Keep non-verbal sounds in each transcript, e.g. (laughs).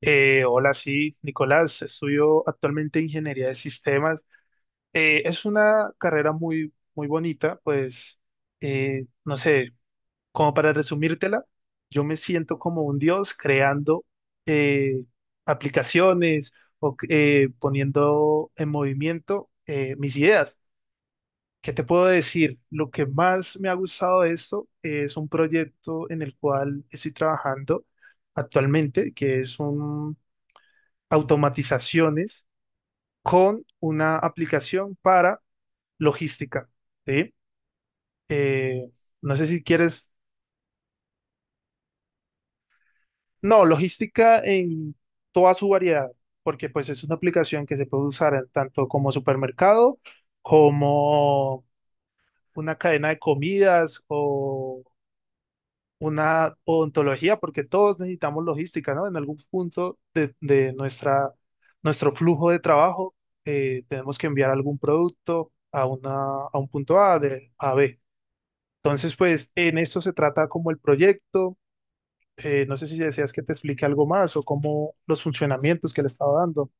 Hola, sí, Nicolás, estudio actualmente ingeniería de sistemas. Es una carrera muy muy bonita, pues, no sé, como para resumírtela, yo me siento como un dios creando eh, aplicaciones o poniendo en movimiento mis ideas. ¿Qué te puedo decir? Lo que más me ha gustado de esto es un proyecto en el cual estoy trabajando actualmente, que es un automatizaciones con una aplicación para logística, ¿sí? Eh, no sé si quieres, no, logística en toda su variedad, porque pues es una aplicación que se puede usar en tanto como supermercado, como una cadena de comidas o una odontología, porque todos necesitamos logística, ¿no? En algún punto de nuestra, nuestro flujo de trabajo, tenemos que enviar algún producto a, una, a un punto A de A a B. Entonces, pues en esto se trata como el proyecto. No sé si deseas que te explique algo más o cómo los funcionamientos que le estaba dando.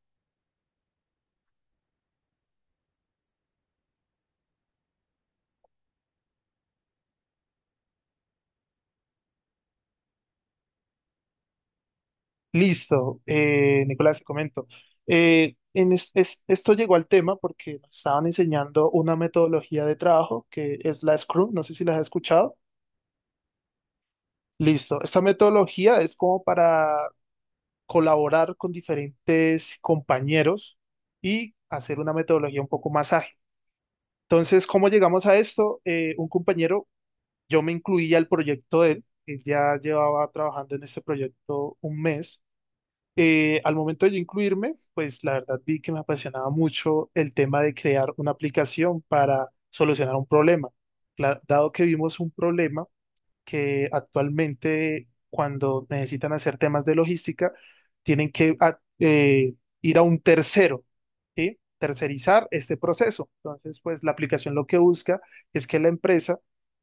Listo, Nicolás, te comento. En esto llegó al tema porque nos estaban enseñando una metodología de trabajo que es la Scrum, no sé si las has escuchado. Listo. Esta metodología es como para colaborar con diferentes compañeros y hacer una metodología un poco más ágil. Entonces, ¿cómo llegamos a esto? Un compañero, yo me incluía al proyecto de él, él ya llevaba trabajando en este proyecto un mes. Al momento de yo incluirme, pues la verdad vi que me apasionaba mucho el tema de crear una aplicación para solucionar un problema. Dado que vimos un problema, que actualmente cuando necesitan hacer temas de logística, tienen que ir a un tercero, ¿sí? Tercerizar este proceso. Entonces, pues la aplicación lo que busca es que la empresa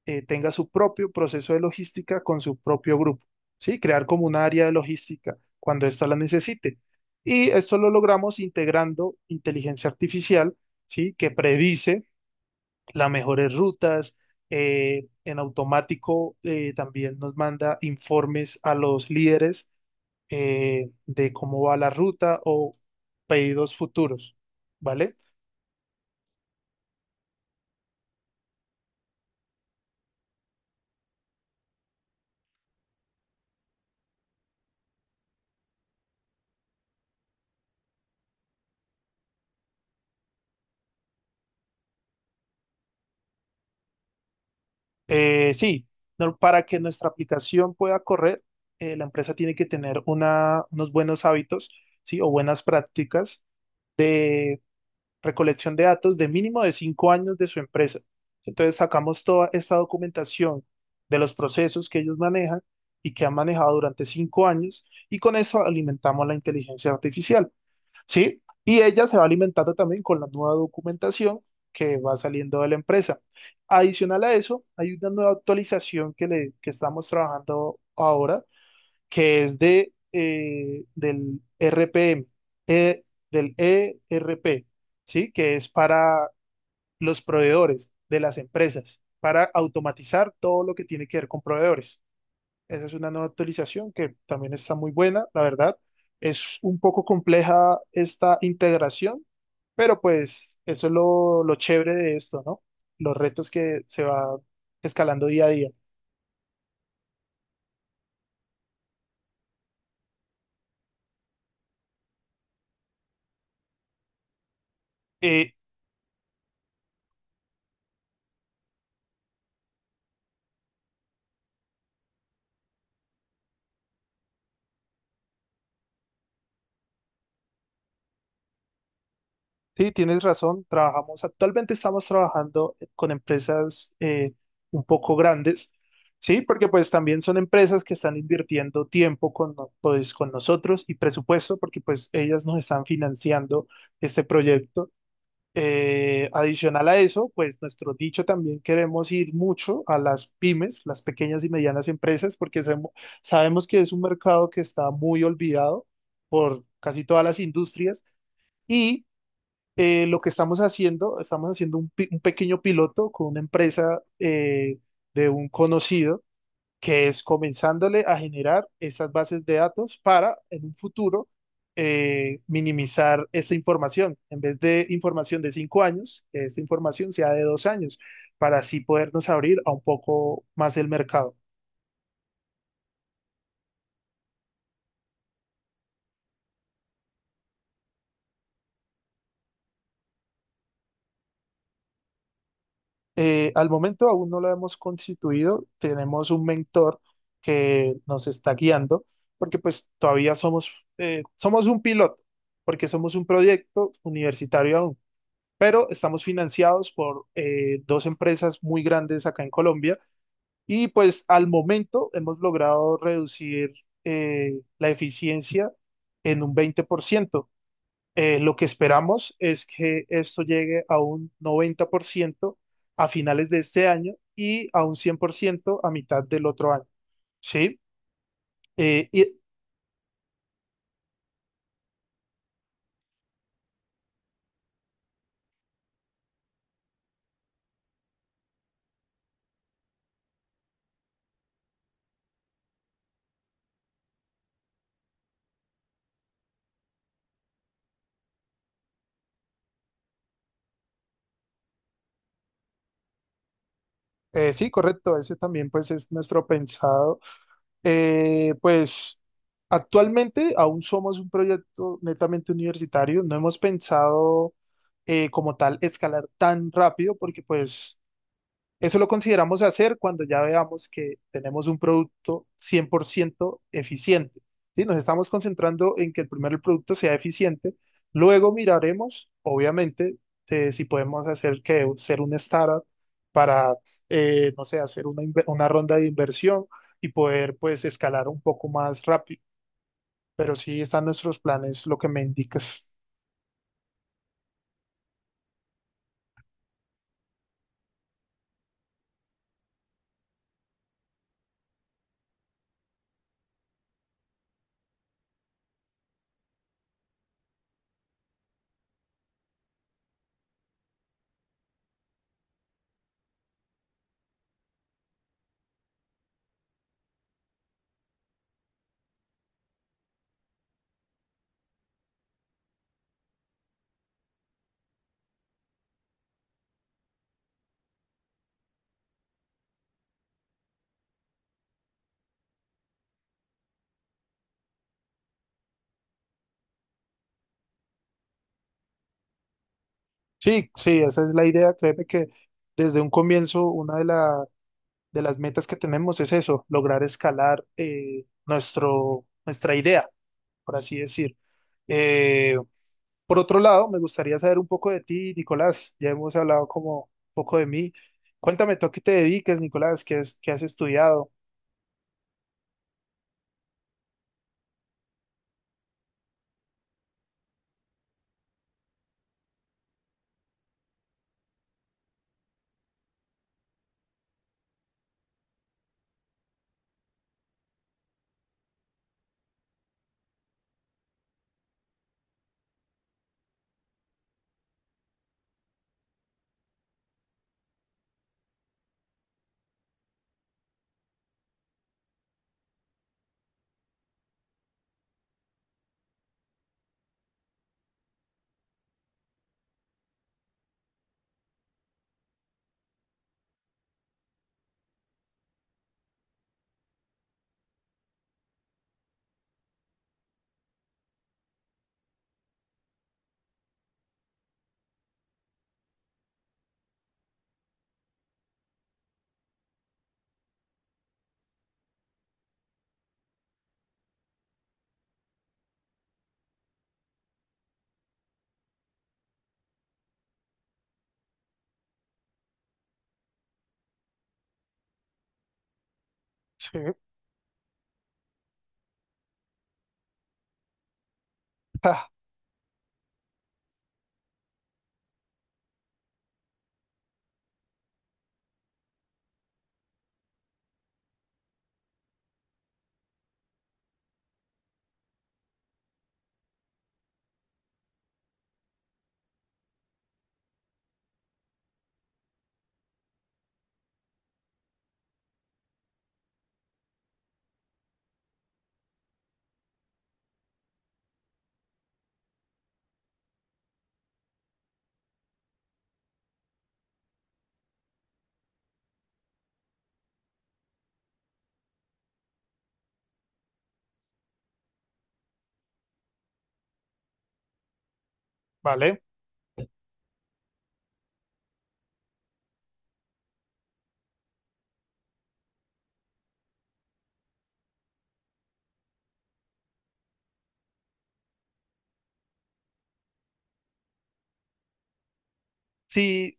tenga su propio proceso de logística con su propio grupo, ¿sí? Crear como un área de logística cuando ésta la necesite. Y esto lo logramos integrando inteligencia artificial, ¿sí? Que predice las mejores rutas. En automático también nos manda informes a los líderes de cómo va la ruta o pedidos futuros, ¿vale? Sí, para que nuestra aplicación pueda correr, la empresa tiene que tener unos buenos hábitos, ¿sí? O buenas prácticas recolección de datos de mínimo de 5 años de su empresa. Entonces sacamos toda esta documentación de los procesos que ellos manejan y que han manejado durante 5 años y con eso alimentamos la inteligencia artificial, ¿sí? Y ella se va alimentando también con la nueva documentación que va saliendo de la empresa. Adicional a eso, hay una nueva actualización que estamos trabajando ahora que es de, del RPM, eh, del ERP, ¿sí? Que es para los proveedores de las empresas, para automatizar todo lo que tiene que ver con proveedores. Esa es una nueva actualización que también está muy buena, la verdad. Es un poco compleja esta integración, pero pues eso es lo chévere de esto, ¿no? Los retos que se va escalando día a día. Eh, Sí, tienes razón. Trabajamos, actualmente estamos trabajando con empresas un poco grandes, sí, porque pues también son empresas que están invirtiendo tiempo con, pues, con nosotros y presupuesto, porque pues ellas nos están financiando este proyecto. Adicional a eso, pues nuestro dicho también queremos ir mucho a las pymes, las pequeñas y medianas empresas, porque sabemos que es un mercado que está muy olvidado por casi todas las industrias. Y lo que estamos haciendo un, un pequeño piloto con una empresa de un conocido que es comenzándole a generar esas bases de datos para en un futuro minimizar esta información. En vez de información de 5 años, que esta información sea de 2 años, para así podernos abrir a un poco más el mercado. Al momento aún no lo hemos constituido, tenemos un mentor que nos está guiando, porque pues todavía somos un piloto, porque somos un proyecto universitario aún, pero estamos financiados por dos empresas muy grandes acá en Colombia y pues al momento hemos logrado reducir eh, la eficiencia en un 20%. Lo que esperamos es que esto llegue a un 90% a finales de este año y a un 100% a mitad del otro año. ¿Sí? Eh, y, sí, correcto. Ese también pues es nuestro pensado. Pues actualmente aún somos un proyecto netamente universitario. No hemos pensado como tal escalar tan rápido porque pues eso lo consideramos hacer cuando ya veamos que tenemos un producto 100% eficiente. ¿Sí? Nos estamos concentrando en que el primero el producto sea eficiente. Luego miraremos, obviamente, si podemos hacer que ser un startup para, no sé, hacer una, una ronda de inversión y poder, pues, escalar un poco más rápido. Pero sí están nuestros planes, lo que me indicas. Sí, sí, esa es la idea. Créeme que desde un comienzo, una de las metas que tenemos es eso, lograr escalar nuestro, nuestra idea, por así decir. Eh, por otro lado, me gustaría saber un poco de ti, Nicolás. Ya hemos hablado como un poco de mí. Cuéntame tú a qué te dediques, Nicolás, qué, es, qué has estudiado. Sí. Ah, vale. Sí.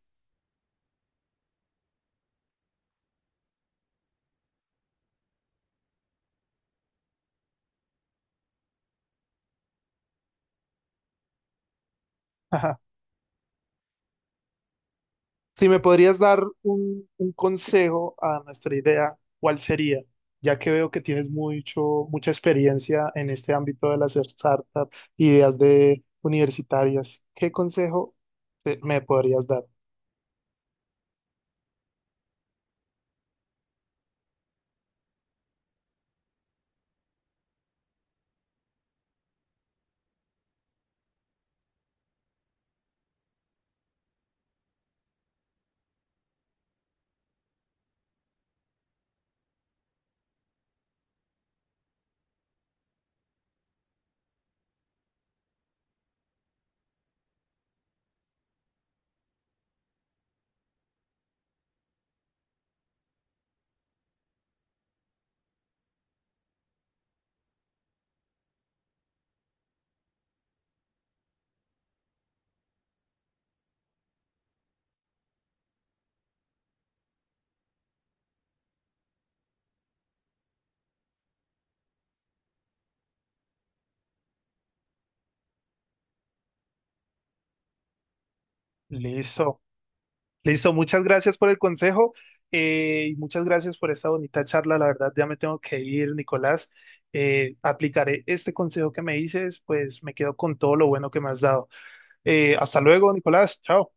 (laughs) Si me podrías dar un consejo a nuestra idea, ¿cuál sería? Ya que veo que tienes mucho, mucha experiencia en este ámbito de las startups, ideas de universitarias, ¿qué consejo me podrías dar? Listo, listo, muchas gracias por el consejo y muchas gracias por esta bonita charla. La verdad, ya me tengo que ir, Nicolás. Aplicaré este consejo que me dices, pues me quedo con todo lo bueno que me has dado. Hasta luego, Nicolás, chao.